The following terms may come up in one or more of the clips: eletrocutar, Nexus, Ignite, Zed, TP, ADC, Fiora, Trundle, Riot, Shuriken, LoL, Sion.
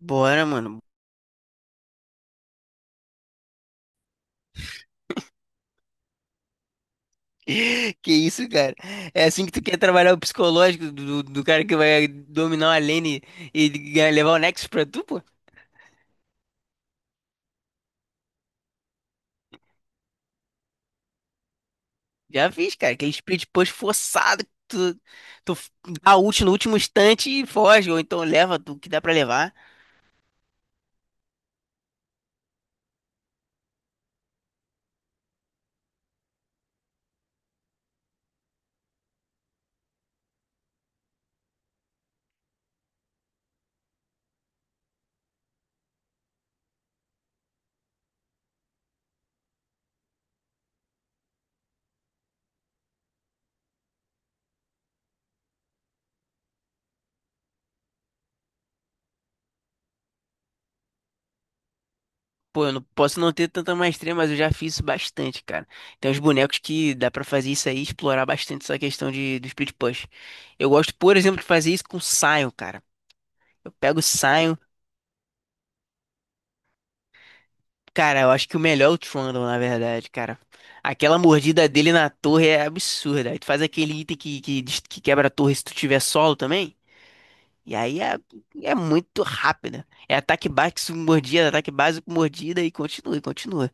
Bora, mano. Que isso, cara? É assim que tu quer trabalhar o psicológico do cara que vai dominar uma lane e levar o Nexus pra tu, pô? Já fiz, cara. Aquele split push forçado que tu, tu f- dá ult no último instante e foge, ou então leva o que dá pra levar. Pô, eu não posso não ter tanta maestria, mas eu já fiz isso bastante, cara. Tem uns bonecos que dá pra fazer isso aí, e explorar bastante essa questão de, do split push. Eu gosto, por exemplo, de fazer isso com Sion, cara. Eu pego o Sion. Cara, eu acho que o melhor é o Trundle, na verdade, cara. Aquela mordida dele na torre é absurda. Aí tu faz aquele item que quebra a torre se tu tiver solo também. E aí é, é muito rápida. É ataque básico, com mordida, ataque básico, com mordida e continua, e continua.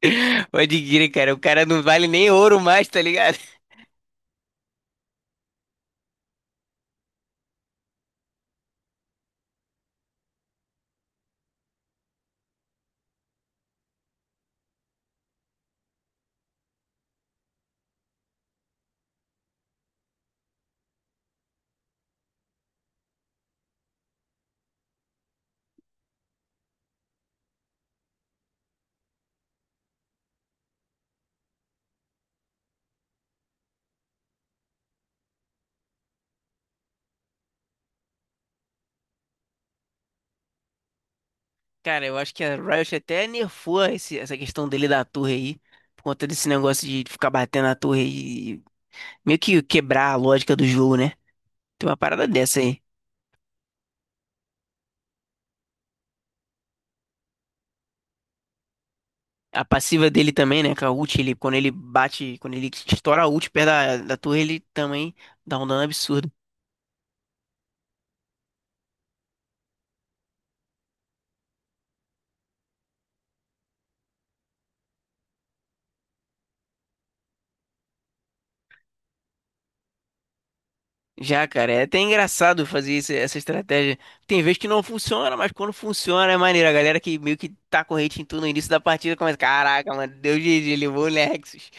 Pode crer, cara. O cara não vale nem ouro mais, tá ligado? Cara, eu acho que a Riot até nerfou essa questão dele da torre aí. Por conta desse negócio de ficar batendo na torre e meio que quebrar a lógica do jogo, né? Tem uma parada dessa aí. A passiva dele também, né? Com a ult, ele, quando ele bate, quando ele estoura a ult perto da, da torre, ele também dá um dano absurdo. Já, cara, é até engraçado fazer essa estratégia. Tem vezes que não funciona, mas quando funciona é maneiro. A galera que meio que tá com hate em tudo no início da partida começa, caraca, mano, deu GG, levou o Nexus.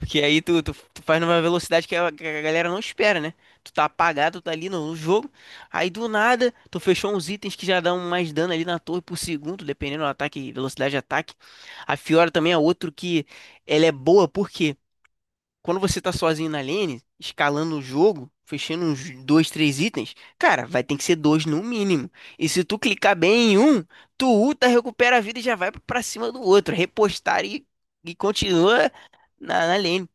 Porque aí tu faz numa velocidade que a galera não espera, né? Tu tá apagado, tu tá ali no, no jogo, aí do nada tu fechou uns itens que já dão mais dano ali na torre por segundo, dependendo do ataque, velocidade de ataque. A Fiora também é outro que ela é boa, por quê? Quando você tá sozinho na lane, escalando o jogo, fechando uns dois, três itens, cara, vai ter que ser dois no mínimo. E se tu clicar bem em um, tu ulta, recupera a vida e já vai pra cima do outro. Repostar e continua na, na lane.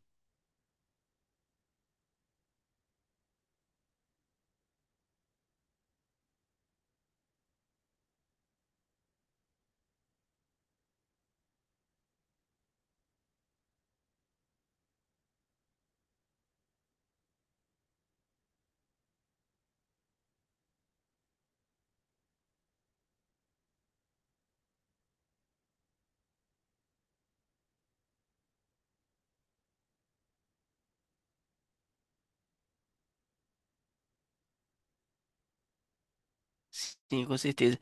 Sim, com certeza.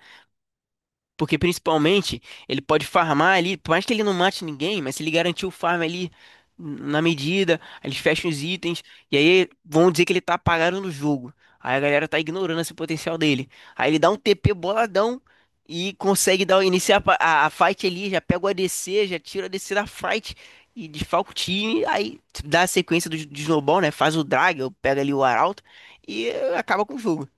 Porque principalmente ele pode farmar ali, por mais que ele não mate ninguém, mas se ele garantir o farm ali na medida, aí eles fecham os itens, e aí vão dizer que ele tá apagado no jogo. Aí a galera tá ignorando esse potencial dele. Aí ele dá um TP boladão e consegue dar, iniciar a a fight ali, já pega o ADC, já tira o ADC da fight e desfalca o time. Aí dá a sequência do, de snowball, né? Faz o drag, pega ali o arauto e acaba com o jogo.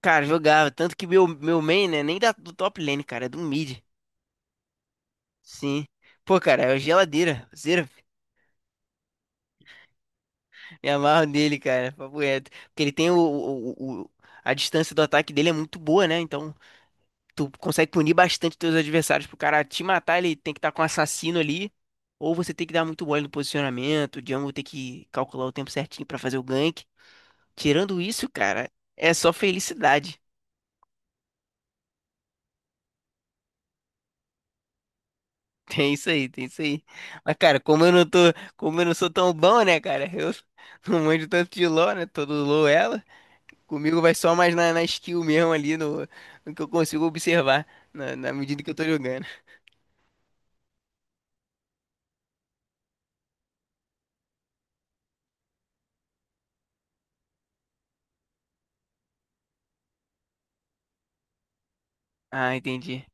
Cara, jogava. Tanto que meu main, né? Nem da, do top lane, cara. É do mid. Sim. Pô, cara, é o geladeira. Zero. Me amarro nele, cara. Papo reto. Porque ele tem o A distância do ataque dele é muito boa, né? Então, tu consegue punir bastante teus adversários. Pro cara te matar, ele tem que estar com um assassino ali. Ou você tem que dar muito mole no posicionamento. O jungle tem que calcular o tempo certinho pra fazer o gank. Tirando isso, cara, é só felicidade. Tem isso aí, tem isso aí. Mas, cara, como eu não sou tão bom, né, cara? Eu não manjo tanto de LoL, né? Todo LoL é ela. Comigo vai só mais na, na skill mesmo ali, no, no que eu consigo observar, na, na medida que eu tô jogando. Ah, entendi.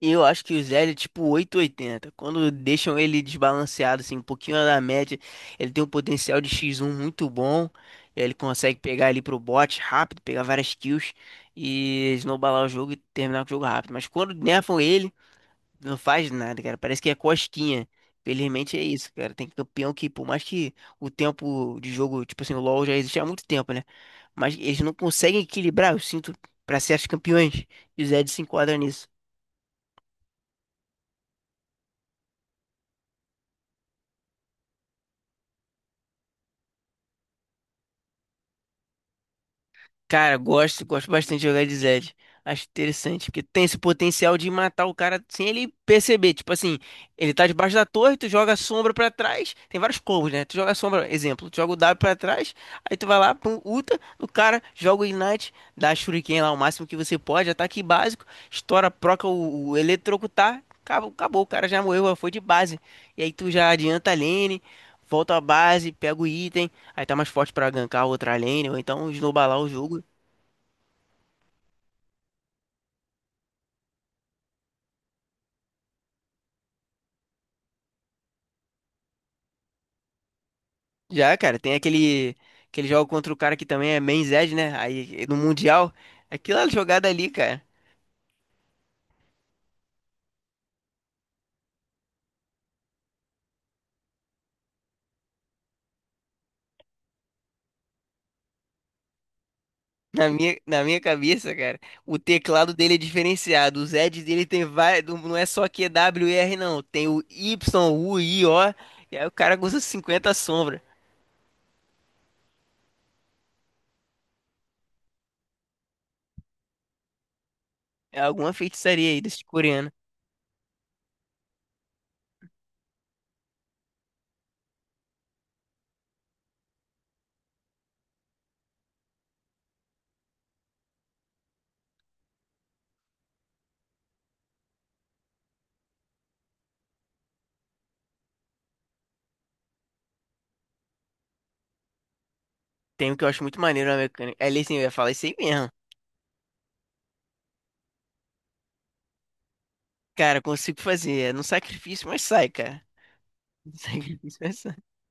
Eu acho que o Zed é tipo 800 e 80. Quando deixam ele desbalanceado, assim, um pouquinho da média, ele tem um potencial de x um muito bom. Ele consegue pegar ali pro bot rápido, pegar várias kills e snowballar o jogo e terminar com o jogo rápido. Mas quando nerfam ele. Não faz nada, cara. Parece que é cosquinha. Felizmente é isso, cara. Tem campeão que, por mais que o tempo de jogo, tipo assim, o LoL já existe há muito tempo, né? Mas eles não conseguem equilibrar, eu sinto, pra certos campeões. E o Zed se enquadra nisso. Cara, gosto, gosto bastante de jogar de Zed. Acho interessante, porque tem esse potencial de matar o cara sem ele perceber. Tipo assim, ele tá debaixo da torre, tu joga a sombra pra trás. Tem vários combos, né? Tu joga a sombra, exemplo, tu joga o W pra trás, aí tu vai lá, pum, ulta no cara, joga o Ignite, dá a Shuriken lá o máximo que você pode, ataque básico, estoura, proca o eletrocutar, acabou, acabou, o cara já morreu, já foi de base. E aí tu já adianta a lane, volta à base, pega o item. Aí tá mais forte pra gankar outra lane, ou então snowballar o jogo. Já, cara, tem aquele, aquele jogo contra o cara que também é main Zed, né? Aí no Mundial, aquela jogada ali, cara, na minha cabeça, cara, o teclado dele é diferenciado. O Zed dele tem vai, não é só Q W e R não. Tem o Y, U, I, O. E aí o cara usa 50 sombra. É alguma feitiçaria aí desse coreano. Tem um que eu acho muito maneiro na mecânica. Ali sim, eu ia falar isso aí mesmo. Cara, consigo fazer. É no sacrifício, mas sai, cara. Não sei o que eu pensar.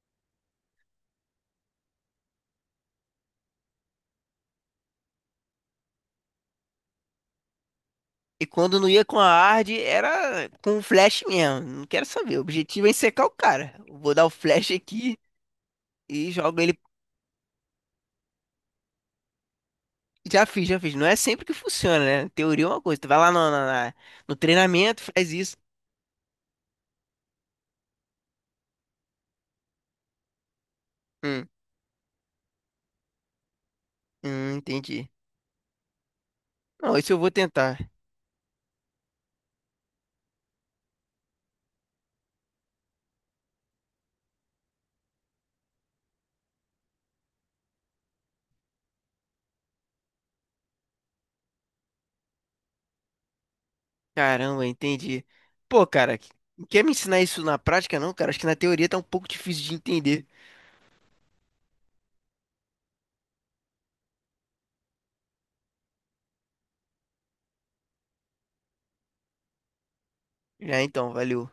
E quando não ia com a hard, era com o flash mesmo. Não quero saber. O objetivo é secar o cara. Vou dar o flash aqui e jogo ele. Já fiz, já fiz. Não é sempre que funciona, né? Teoria é uma coisa. Tu vai lá no, na no treinamento, faz isso. Hum, entendi. Não, isso eu vou tentar. Caramba, entendi. Pô, cara, quer me ensinar isso na prática, não, cara? Acho que na teoria tá um pouco difícil de entender. Já então, valeu.